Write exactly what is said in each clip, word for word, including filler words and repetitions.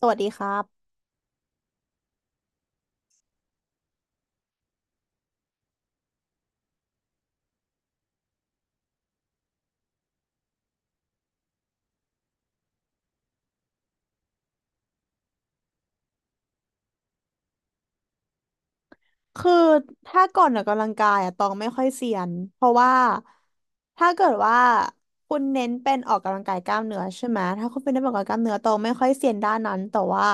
สวัสดีครับ คือถ้าก่อนออกกำลังกายอะตองไม่ค่อยเซียนเพราะว่าถ้าเกิดว่าคุณเน้นเป็นออกกำลังกายกล้ามเนื้อใช่ไหมถ้าคุณเป็นนักออกกำลังกายกล้ามเนื้อตองไม่ค่อยเซียนด้านนั้นแต่ว่า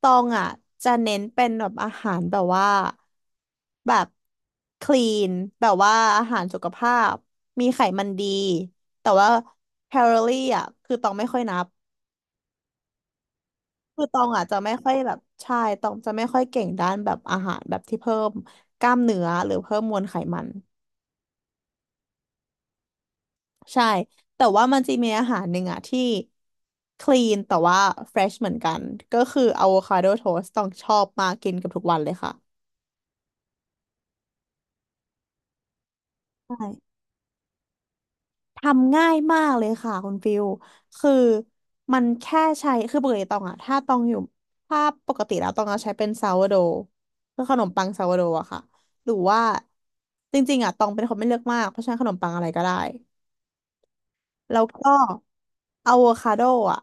ตองอ่ะจะเน้นเป็นแบบอาหารแบบว่าแบบคลีนแบบว่าอาหารสุขภาพมีไขมันดีแต่ว่าแคลอรี่อ่ะคือตองไม่ค่อยนับ คือตองอ่ะจะไม่ค่อยแบบใช่ตองจะไม่ค่อยเก่งด้านแบบอาหารแบบที่เพิ่มกล้ามเนื้อหรือเพิ่มมวลไขมันใช่แต่ว่ามันจะมีอาหารหนึ่งอ่ะที่คลีนแต่ว่าเฟรชเหมือนกันก็คืออะโวคาโดโทสต์ต้องชอบมากกินกับทุกวันเลยค่ะใช่ ทำง่ายมากเลยค่ะคุณฟิลคือมันแค่ใช้คือปกติตองอะถ้าตองอยู่ถ้าปกติแล้วตองเอาใช้เป็นซาวโดคือขนมปังซาวโดอะค่ะหรือว่าจริงๆอะตองเป็นคนไม่เลือกมากเพราะฉะนั้นขนมปังอะไรก็ได้แล้วก็อะโวคาโดอะ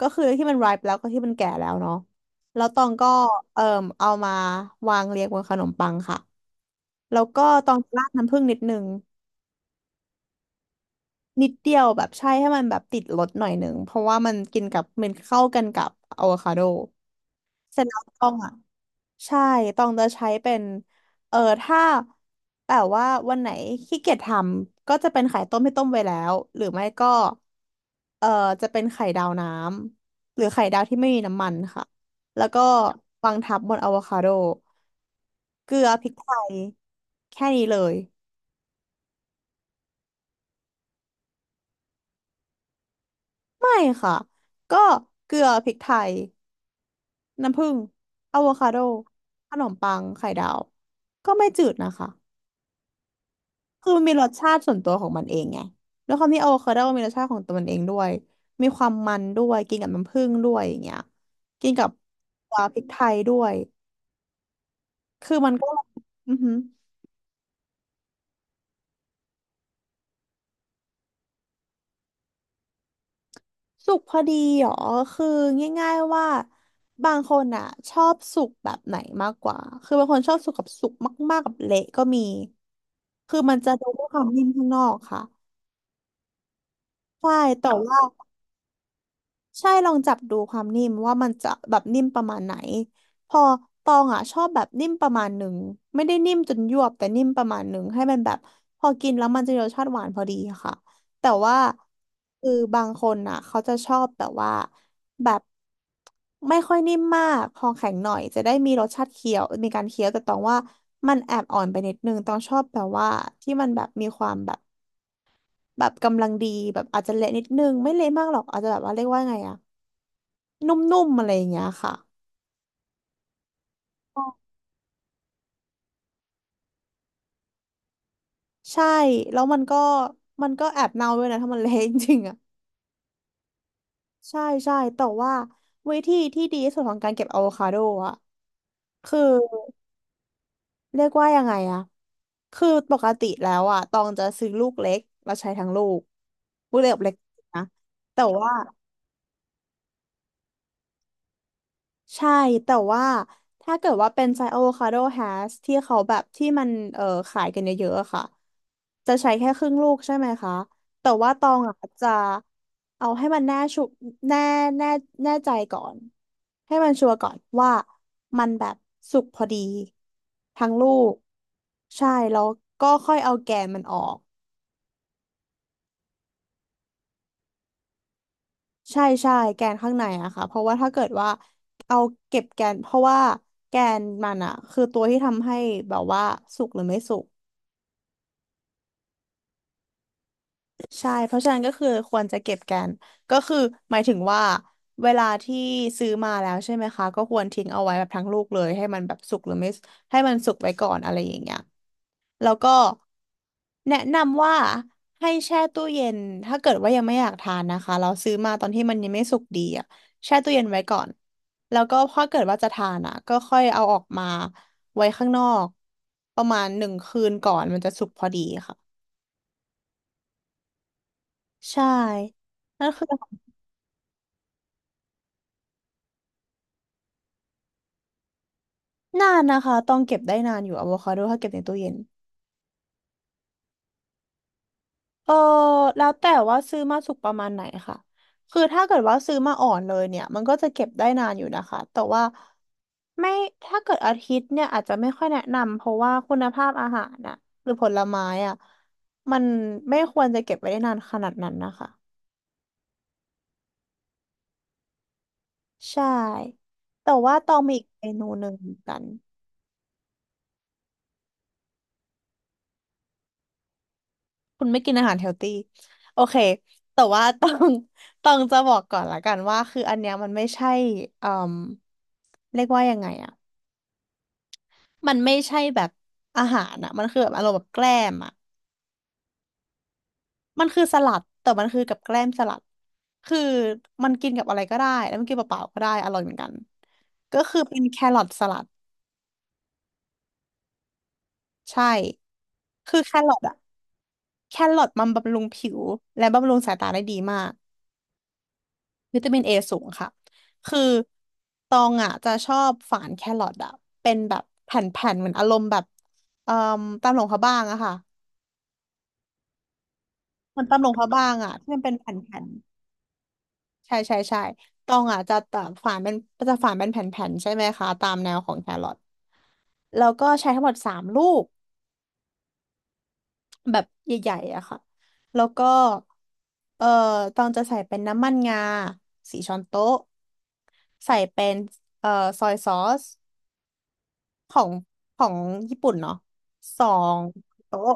ก็คือที่มัน ripe แล้วก็ที่มันแก่แล้วเนาะแล้วตองก็เอ่อเอามาวางเรียงบนขนมปังค่ะแล้วก็ตองราดน้ำผึ้งนิดนึง นิดเดียวแบบใช่ให้มันแบบติดรสหน่อยหนึ่งเพราะว่ามันกินกับมันเข้ากันกับอะโวคาโดเสร็จแล้วต้องอ่ะใช่ต้องจะใช้เป็นเออถ้าแบบว่าวันไหนขี้เกียจทำก็จะเป็นไข่ต้มให้ต้มไว้แล้วหรือไม่ก็เออจะเป็นไข่ดาวน้ำหรือไข่ดาวที่ไม่มีน้ำมันค่ะแล้วก็วางทับบนอะโวคาโดเกลือพริกไทยแค่นี้เลยไม่ค่ะก็เกลือพริกไทย น้ำผึ้งอะโวคาโดขนมปังไข่ดาวก็ไม่จืดนะคะคือมันมีรสชาติส่วนตัวของมันเองไงด้วยความที่อะโวคาโดมีรสชาติของตัวมันเองด้วย มีความมันด้วยกินกับน้ำผึ้งด้วยอย่างเงี้ยกินกับตัวพริกไทยด้วย คือมันก็อือหือสุกพอดีเหรอคือง่ายๆว่าบางคนอ่ะชอบสุกแบบไหนมากกว่าคือบางคนชอบสุกกับสุกมากๆกับเละก็มี คือมันจะดูด้วยความนิ่มข้างนอกค่ะใช่แต่ว่า ใช่ลองจับดูความนิ่มว่ามันจะแบบนิ่มประมาณไหนพอตองอ่ะชอบแบบนิ่มประมาณหนึ่งไม่ได้นิ่มจนยวบแต่นิ่มประมาณหนึ่งให้มันแบบพอกินแล้วมันจะมีรสชาติหวานพอดีค่ะแต่ว่าคือบางคนอ่ะเขาจะชอบแบบว่าแบบไม่ค่อยนิ่มมากพอแข็งหน่อยจะได้มีรสชาติเคี้ยวมีการเคี้ยวแต่ตองว่ามันแอบอ่อนไปนิดนึงตองชอบแบบว่าที่มันแบบมีความแบบแบบกำลังดีแบบอาจจะเละนิดนึงไม่เละมากหรอกอาจจะแบบว่าเรียกว่าไงอะ นุ่มๆอะไรอย่างเงี้ยค่ะใช่แล้วมันก็มันก็แอบเน่าด้วยนะถ้ามันเละ จริงๆอ่ะใช่ใช่แต่ว่าวิธีที่ดีที่สุดของการเก็บอะโวคาโดอ่ะคือเรียกว่ายังไงอ่ะคือปกติแล้วอ่ะตองจะซื้อลูกเล็กแล้วใช้ทั้งลูกลูกเล็กกับเล็กนะแต่ว่าใช่แต่ว่าถ้าเกิดว่าเป็นไซส์อะโวคาโดแฮชที่เขาแบบที่มันเอ่อขายกันเยอะๆอะค่ะ จะใช้แค่ครึ่งลูกใช่ไหมคะแต่ว่าตองอ่ะจะเอาให้มันแน่ชุแน่แน่แน่ใจก่อนให้มันชัวร์ก่อนว่ามันแบบสุกพอดีทั้งลูกใช่แล้วก็ค่อยเอาแกนมันออกใช่ใช่แกนข้างในอะค่ะเพราะว่าถ้าเกิดว่าเอาเก็บแกนเพราะว่าแกนมันอะคือตัวที่ทำให้แบบว่าสุกหรือไม่สุก ใช่เพราะฉะนั้นก็คือควรจะเก็บแกันก็คือหมายถึงว่าเวลาที่ซื้อมาแล้วใช่ไหมคะก็ควรทิ้งเอาไว้แบบทั้งลูกเลยให้มันแบบสุกหรือไม่ให้มันสุกไว้ก่อนอะไรอย่างเงี้ยแล้วก็แนะนำว่าให้แช่ตู้เย็นถ้าเกิดว่ายังไม่อยากทานนะคะเราซื้อมาตอนที่มันยังไม่สุกดีอ่ะแช่ตู้เย็นไว้ก่อนแล้วก็พอเกิดว่าจะทานอ่ะก็ค่อยเอาออกมาไว้ข้างนอกประมาณหนึ่งคืนก่อนมันจะสุกพอดีค่ะใช่นั่นคือ นานนะคะต้องเก็บได้นานอยู่อะโวคาโดถ้าเก็บในตู้เย็นเออแล้วแต่ว่าซื้อมาสุกประมาณไหนค่ะคือถ้าเกิดว่าซื้อมาอ่อนเลยเนี่ยมันก็จะเก็บได้นานอยู่นะคะแต่ว่าไม่ถ้าเกิดอาทิตย์เนี่ยอาจจะไม่ค่อยแนะนำเพราะว่าคุณภาพอาหารน่ะหรือผลไม้อ่ะมันไม่ควรจะเก็บไว้ได้นานขนาดนั้นนะคะ ใช่ แต่ว่าต้องมีอีกเมนูหนึ่งเหมือนกัน คุณไม่กินอาหารเฮลตี้โอเคแต่ว่าต้อง ต้องจะบอกก่อนละกันว่าคืออันเนี้ยมันไม่ใช่เอ่มเรียกว่ายังไงอะมันไม่ใช่แบบอาหารอะมันคือแบบอารมณ์แบบแกล้มอะมันคือสลัดแต่มันคือกับแกล้มสลัดคือมันกินกับอะไรก็ได้แล้วมันกินเปล่าๆก็ได้อร่อยเหมือนกันก็คือเป็นแครอทสลัดใช่คือแครอทอะแครอทมันบำรุงผิวและบำรุงสายตาได้ดีมาก วิตามินเอสูงค่ะ คือตองอ่ะจะชอบฝานแครอทอ่ะเป็นแบบแผ่นๆเหมือนอารมณ์แบบเอ่อตำหลงพระบ้างอะค่ะมันตำหลงพระบ้างอ่ะที่มันเป็นแผ่นๆใช่ใช่ใช่ตองอ่ะจะตัดฝานเป็นจะฝานเป็นแผ่นๆใช่ไหมคะตามแนวของแครอทแล้วก็ใช้ทั้งหมดสามลูกแบบใหญ่ๆอะค่ะแล้วก็เอ่อตองจะใส่เป็นน้ำมันงาสี่ช้อนโต๊ะใส่เป็นเอ่อซอยซอส ของของญี่ปุ่นเนาะสองโต๊ะ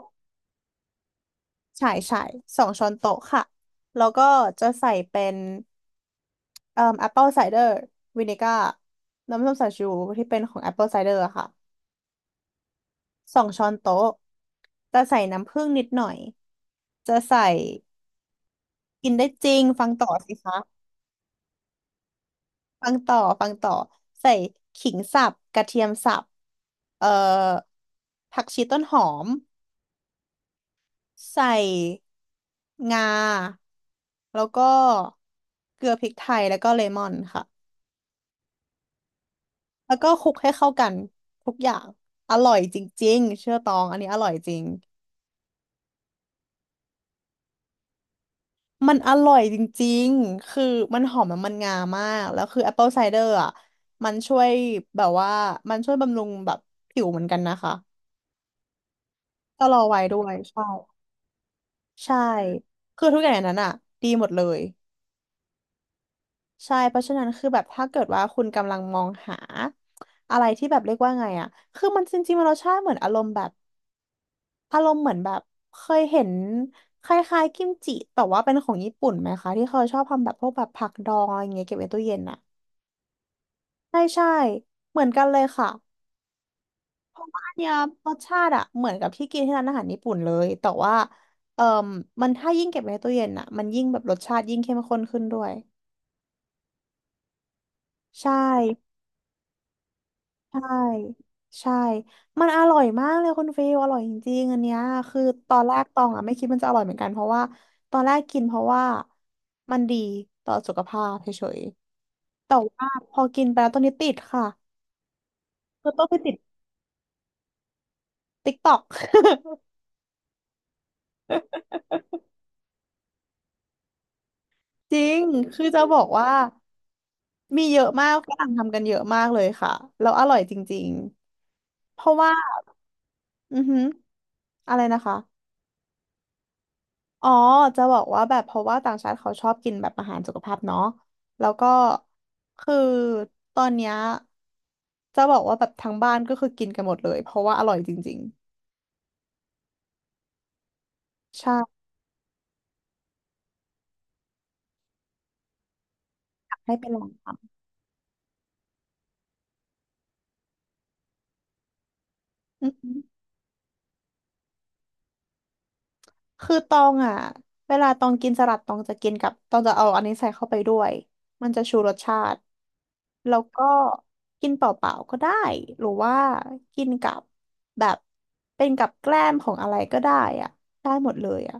ใช่ใช่สองช้อนโต๊ะค่ะแล้วก็จะใส่เป็นเอ่อแอปเปิลไซเดอร์วินิก้าน้ำส้มสายชูที่เป็นของแอปเปิลไซเดอร์ค่ะสองช้อนโต๊ะจะใส่น้ำผึ้งนิดหน่อยจะใส่กินได้จริงฟังต่อสิคะฟังต่อฟังต่อใส่ขิงสับกระเทียมสับเอ่อผักชีต้นหอม ใส่งาแล้วก็เกลือพริกไทยแล้วก็เลมอนค่ะแล้วก็คลุกให้เข้ากันทุกอย่างอร่อยจริงๆเชื่อตองอันนี้อร่อยจริงมันอร่อยจริงๆคือมันหอมมันงามากแล้วคือแอปเปิลไซเดอร์อ่ะมันช่วยแบบว่ามันช่วยบำรุงแบบผิวเหมือนกันนะคะชะลอวัยด้วยใช่ใช่คือทุกอย่างในนั้นอ่ะดีหมดเลย ใช่เพราะฉะนั้นคือแบบถ้าเกิดว่าคุณกำลังมองหาอะไรที่แบบเรียกว่าไงอะคือมันจริงๆมันรสชาติเหมือนอารมณ์แบบอารมณ์เหมือนแบบเคยเห็นคล้ายๆกิมจิแต่ว่าเป็นของญี่ปุ่นไหมคะที่เขาชอบทำแบบพวกแบบผักดองอะไรอย่างเงี้ยเก็บไว้ตู้เย็นอะใช่ใช่เหมือนกันเลยค่ะอันเนี้ยรสชาติอะเหมือนกับที่กินที่ร้านอาหารญี่ปุ่นเลยแต่ว่าเอ่อมมันถ้ายิ่งเก็บไว้ในตู้เย็นอะมันยิ่งแบบรสชาติยิ่งเข้มข้นขึ้นด้วยใช่ ใช่ใช่มันอร่อยมากเลยคุณฟิลอร่อยจริงๆอันเนี้ยคือตอนแรกตองอ่ะไม่คิดมันจะอร่อยเหมือนกันเพราะว่าตอนแรกกินเพราะว่ามันดีต่อสุขภาพเฉยๆแต่ว่าพอกินไปแล้วตอนนี้ติดค่ะคือต้องไปติดติ๊กต็อก จริงคือจะบอกว่ามีเยอะมากฝรั่งทำกันเยอะมากเลยค่ะแล้วอร่อยจริงๆเพราะว่าอือหืออะไรนะคะ อ๋อจะบอกว่าแบบเพราะว่าต่างชาติเขาชอบกินแบบอาหารสุขภาพเนาะแล้วก็คือตอนเนี้ยจะบอกว่าแบบทั้งบ้านก็คือกินกันหมดเลยเพราะว่าอร่อยจริงๆใช่อยากให้ไปลองทำอือหือคือตองอ่ะเวลาตองกินสลัดตองจะกินกับตองจะเอาอันนี้ใส่เข้าไปด้วยมันจะชูรสชาติแล้วก็กินเปล่าๆก็ได้หรือว่ากินกับแบบเป็นกับแกล้มของอะไรก็ได้อ่ะได้หมดเลยอ่ะ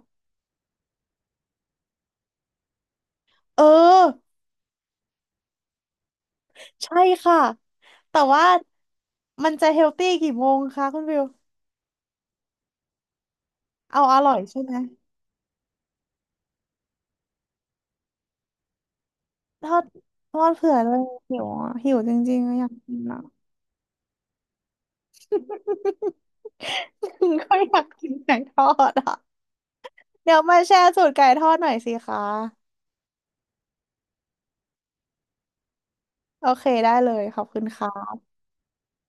เออ ใช่ค่ะแต่ว่ามันจะเฮลตี้กี่โมงคะคุณวิวเอาอร่อยใช่ไหมทอดทอดเผื่อเลยหิวอะหิวจริงๆอะอยากกินอ่ะ ก็อยากกินไก่ทอดอ่ะเดี๋ยวมาแชร์สูตรไก่ทอดหน่อยสิคะโอเคได้เลยขอบคุณค่ะ